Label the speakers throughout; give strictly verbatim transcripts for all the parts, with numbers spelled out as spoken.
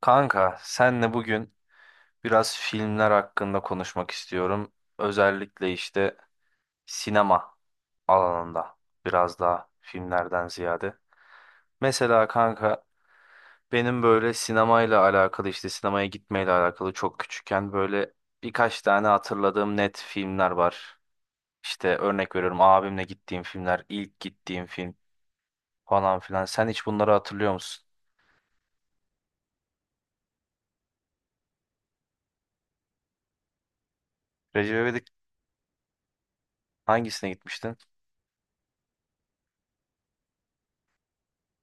Speaker 1: Kanka, senle bugün biraz filmler hakkında konuşmak istiyorum. Özellikle işte sinema alanında biraz daha filmlerden ziyade. Mesela kanka benim böyle sinemayla alakalı işte sinemaya gitmeyle alakalı çok küçükken böyle birkaç tane hatırladığım net filmler var. İşte örnek veriyorum abimle gittiğim filmler, ilk gittiğim film falan filan. Sen hiç bunları hatırlıyor musun? Recep İvedik hangisine gitmiştin?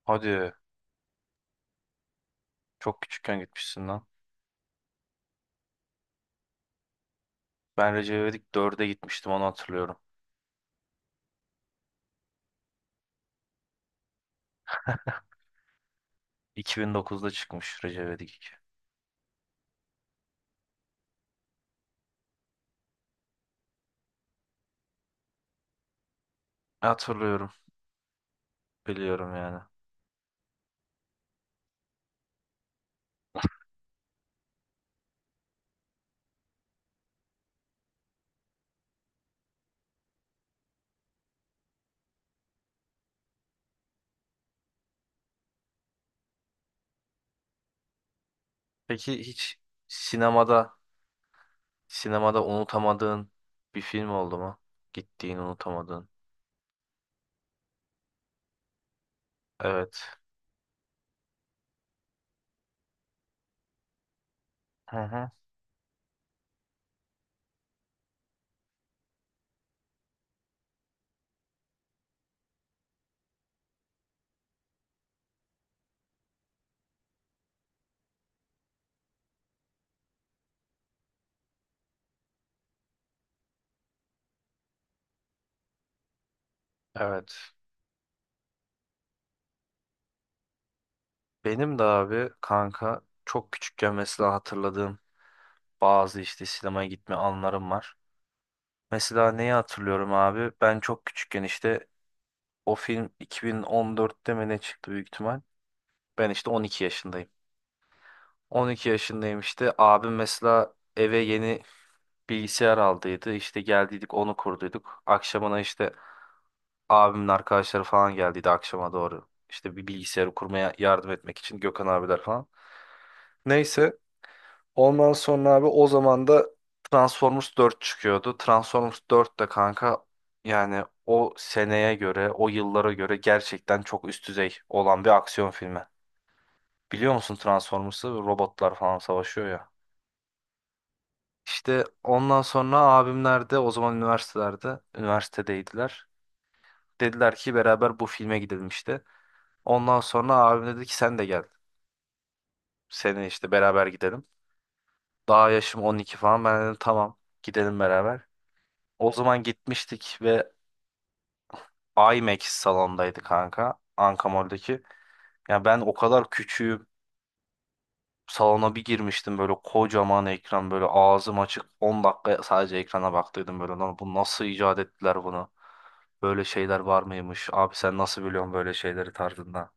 Speaker 1: Hadi çok küçükken gitmişsin lan. Ben Recep İvedik dörde gitmiştim onu hatırlıyorum. iki bin dokuzda çıkmış Recep İvedik iki. Hatırlıyorum. Biliyorum yani. Peki hiç sinemada sinemada unutamadığın bir film oldu mu? Gittiğin unutamadığın. Evet. Hı hı. Evet. Benim de abi kanka çok küçükken mesela hatırladığım bazı işte sinemaya gitme anlarım var. Mesela neyi hatırlıyorum abi? Ben çok küçükken işte o film iki bin on dörtte mi ne çıktı büyük ihtimal. Ben işte on iki yaşındayım. on iki yaşındayım işte. Abim mesela eve yeni bilgisayar aldıydı. İşte geldiydik onu kurduyduk. Akşamına işte abimin arkadaşları falan geldiydi akşama doğru. İşte bir bilgisayarı kurmaya yardım etmek için Gökhan abiler falan. Neyse ondan sonra abi o zaman da Transformers dört çıkıyordu. Transformers dört de kanka yani o seneye göre, o yıllara göre gerçekten çok üst düzey olan bir aksiyon filmi. Biliyor musun Transformers'ı robotlar falan savaşıyor ya. İşte ondan sonra abimler de o zaman üniversitelerde, üniversitedeydiler. Dediler ki beraber bu filme gidelim işte. Ondan sonra abim dedi ki sen de gel. Senin işte beraber gidelim. Daha yaşım on iki falan. Ben dedim tamam gidelim beraber. O zaman gitmiştik ve IMAX salondaydı kanka. Ankamol'daki. Ya ben o kadar küçüğüm. Salona bir girmiştim böyle kocaman ekran böyle ağzım açık on dakika sadece ekrana baktıydım böyle lan bu nasıl icat ettiler bunu? Böyle şeyler var mıymış? Abi sen nasıl biliyorsun böyle şeyleri tarzında?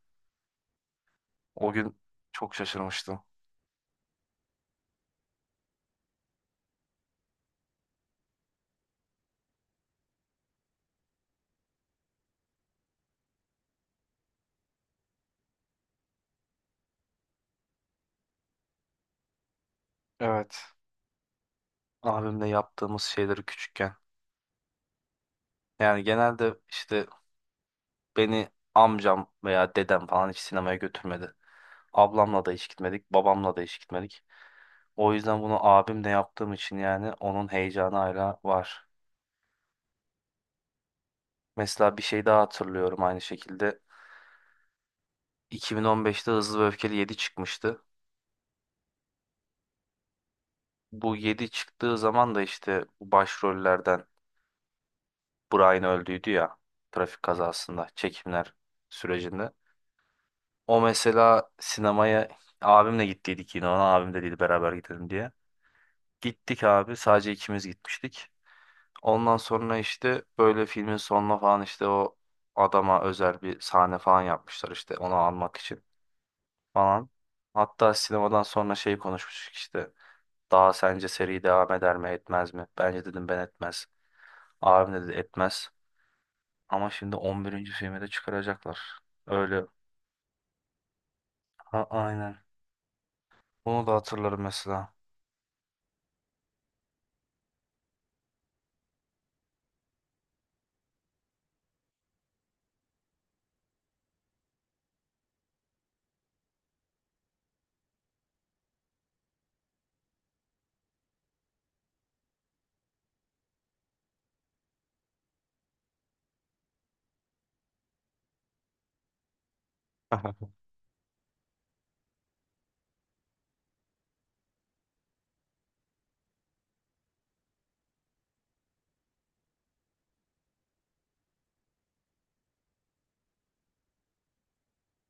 Speaker 1: O gün çok şaşırmıştım. Evet. Abimle yaptığımız şeyleri küçükken. Yani genelde işte beni amcam veya dedem falan hiç sinemaya götürmedi. Ablamla da hiç gitmedik, babamla da hiç gitmedik. O yüzden bunu abimle yaptığım için yani onun heyecanı hala var. Mesela bir şey daha hatırlıyorum aynı şekilde. iki bin on beşte Hızlı ve Öfkeli yedi çıkmıştı. Bu yedi çıktığı zaman da işte bu başrollerden Brian öldüydü ya trafik kazasında çekimler sürecinde. O mesela sinemaya abimle gittiydik yine ona abim de dedi beraber gidelim diye. Gittik abi sadece ikimiz gitmiştik. Ondan sonra işte böyle filmin sonuna falan işte o adama özel bir sahne falan yapmışlar işte onu almak için falan. Hatta sinemadan sonra şey konuşmuştuk işte. Daha sence seri devam eder mi etmez mi? Bence dedim ben etmez. Abim dedi etmez. Ama şimdi on birinci filmi de çıkaracaklar. Öyle. Ha, aynen. Bunu da hatırlarım mesela.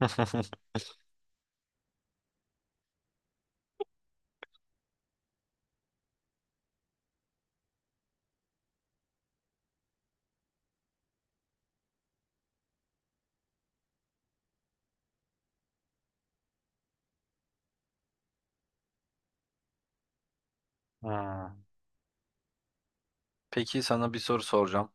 Speaker 1: Ha. Peki sana bir soru soracağım.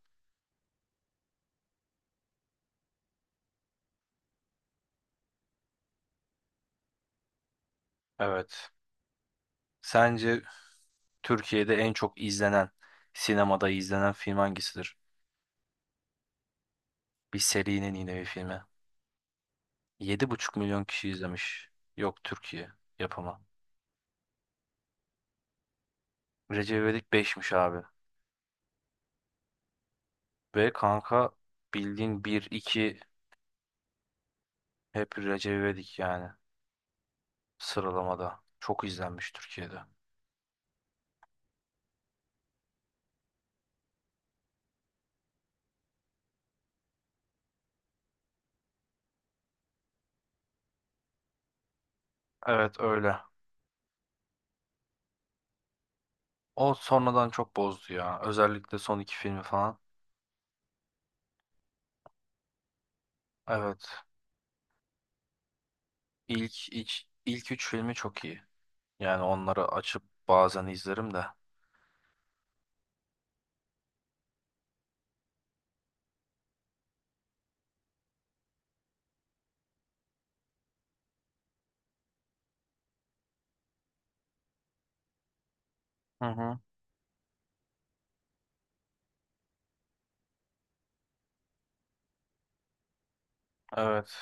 Speaker 1: Evet. Sence Türkiye'de en çok izlenen, sinemada izlenen film hangisidir? Bir serinin yine bir filmi. Yedi buçuk milyon kişi izlemiş. Yok Türkiye yapımı. Recep İvedik beşmiş abi. Ve kanka bildiğin bir iki hep Recep İvedik yani sıralamada. Çok izlenmiş Türkiye'de. Evet öyle. O sonradan çok bozdu ya. Özellikle son iki filmi falan. Evet. İlk, ilk, ilk üç filmi çok iyi. Yani onları açıp bazen izlerim de. Hı hı. Evet.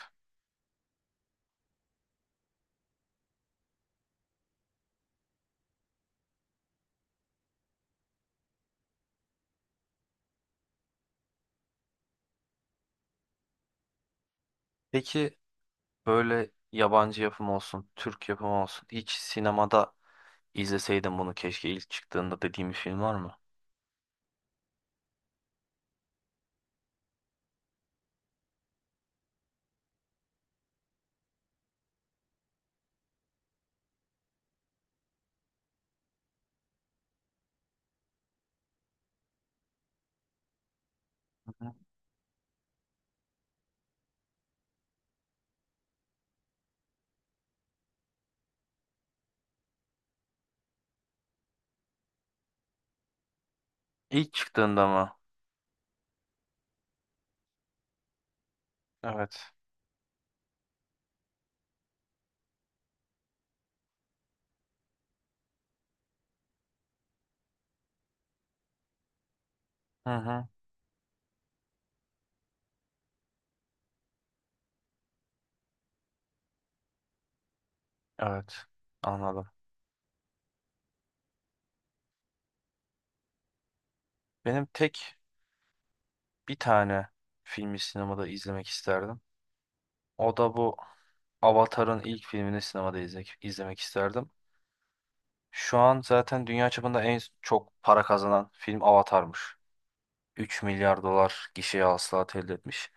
Speaker 1: Peki böyle yabancı yapım olsun, Türk yapımı olsun. Hiç sinemada izleseydim bunu keşke ilk çıktığında dediğim bir film var mı? Hı hı. İlk çıktığında mı? Evet. Hı hı. Evet. Anladım. Benim tek bir tane filmi sinemada izlemek isterdim. O da bu Avatar'ın ilk filmini sinemada izlemek, izlemek isterdim. Şu an zaten dünya çapında en çok para kazanan film Avatar'mış. üç milyar dolar gişe hasılat elde etmiş.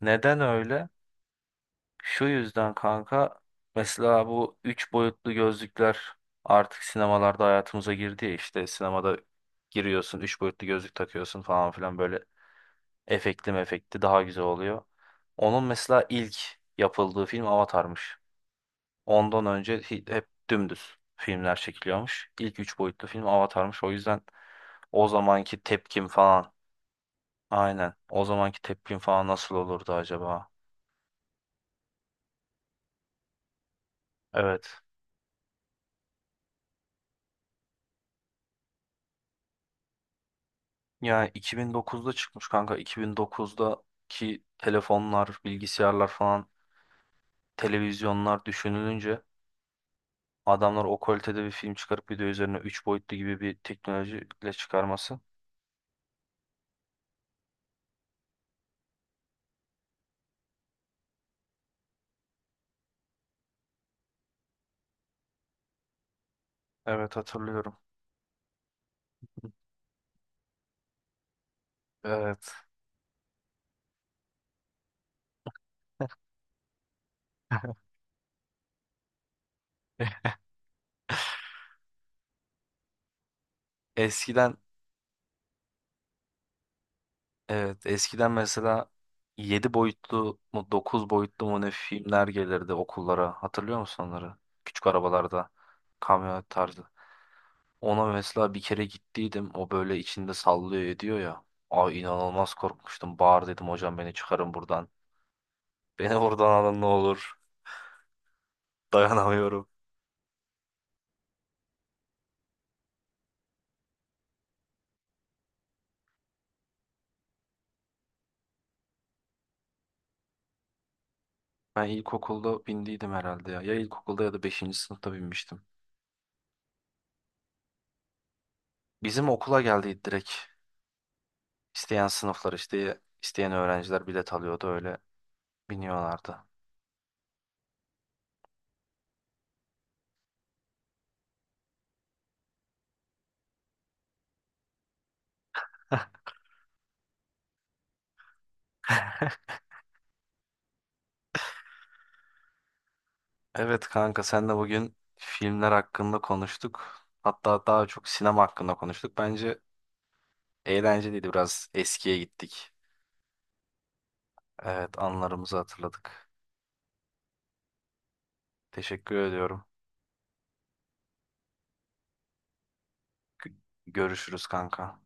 Speaker 1: Neden öyle? Şu yüzden kanka mesela bu üç boyutlu gözlükler artık sinemalarda hayatımıza girdi ya işte sinemada giriyorsun üç boyutlu gözlük takıyorsun falan filan böyle efektli mefekti daha güzel oluyor. Onun mesela ilk yapıldığı film Avatar'mış. Ondan önce hi- hep dümdüz filmler çekiliyormuş. İlk üç boyutlu film Avatar'mış. O yüzden o zamanki tepkim falan. Aynen. O zamanki tepkim falan nasıl olurdu acaba? Evet. Yani iki bin dokuzda çıkmış kanka. iki bin dokuzdaki telefonlar, bilgisayarlar falan, televizyonlar düşünülünce adamlar o kalitede bir film çıkarıp bir de üzerine üç boyutlu gibi bir teknolojiyle çıkarması. Evet hatırlıyorum. Evet. Eskiden evet eskiden mesela yedi boyutlu mu dokuz boyutlu mu ne filmler gelirdi okullara. Hatırlıyor musun onları? Küçük arabalarda kamyonet tarzı. Ona mesela bir kere gittiydim. O böyle içinde sallıyor ediyor ya. Ay inanılmaz korkmuştum. Bağır dedim hocam beni çıkarın buradan. Beni buradan alın ne olur. Dayanamıyorum. Ben ilkokulda bindiydim herhalde ya. Ya ilkokulda ya da beşinci sınıfta binmiştim. Bizim okula geldi direkt. İsteyen sınıflar işte isteyen öğrenciler bilet alıyordu öyle biniyorlardı. Evet kanka senle bugün filmler hakkında konuştuk. Hatta daha çok sinema hakkında konuştuk. Bence eğlenceliydi biraz eskiye gittik. Evet anılarımızı hatırladık. Teşekkür ediyorum. Gö- Görüşürüz kanka.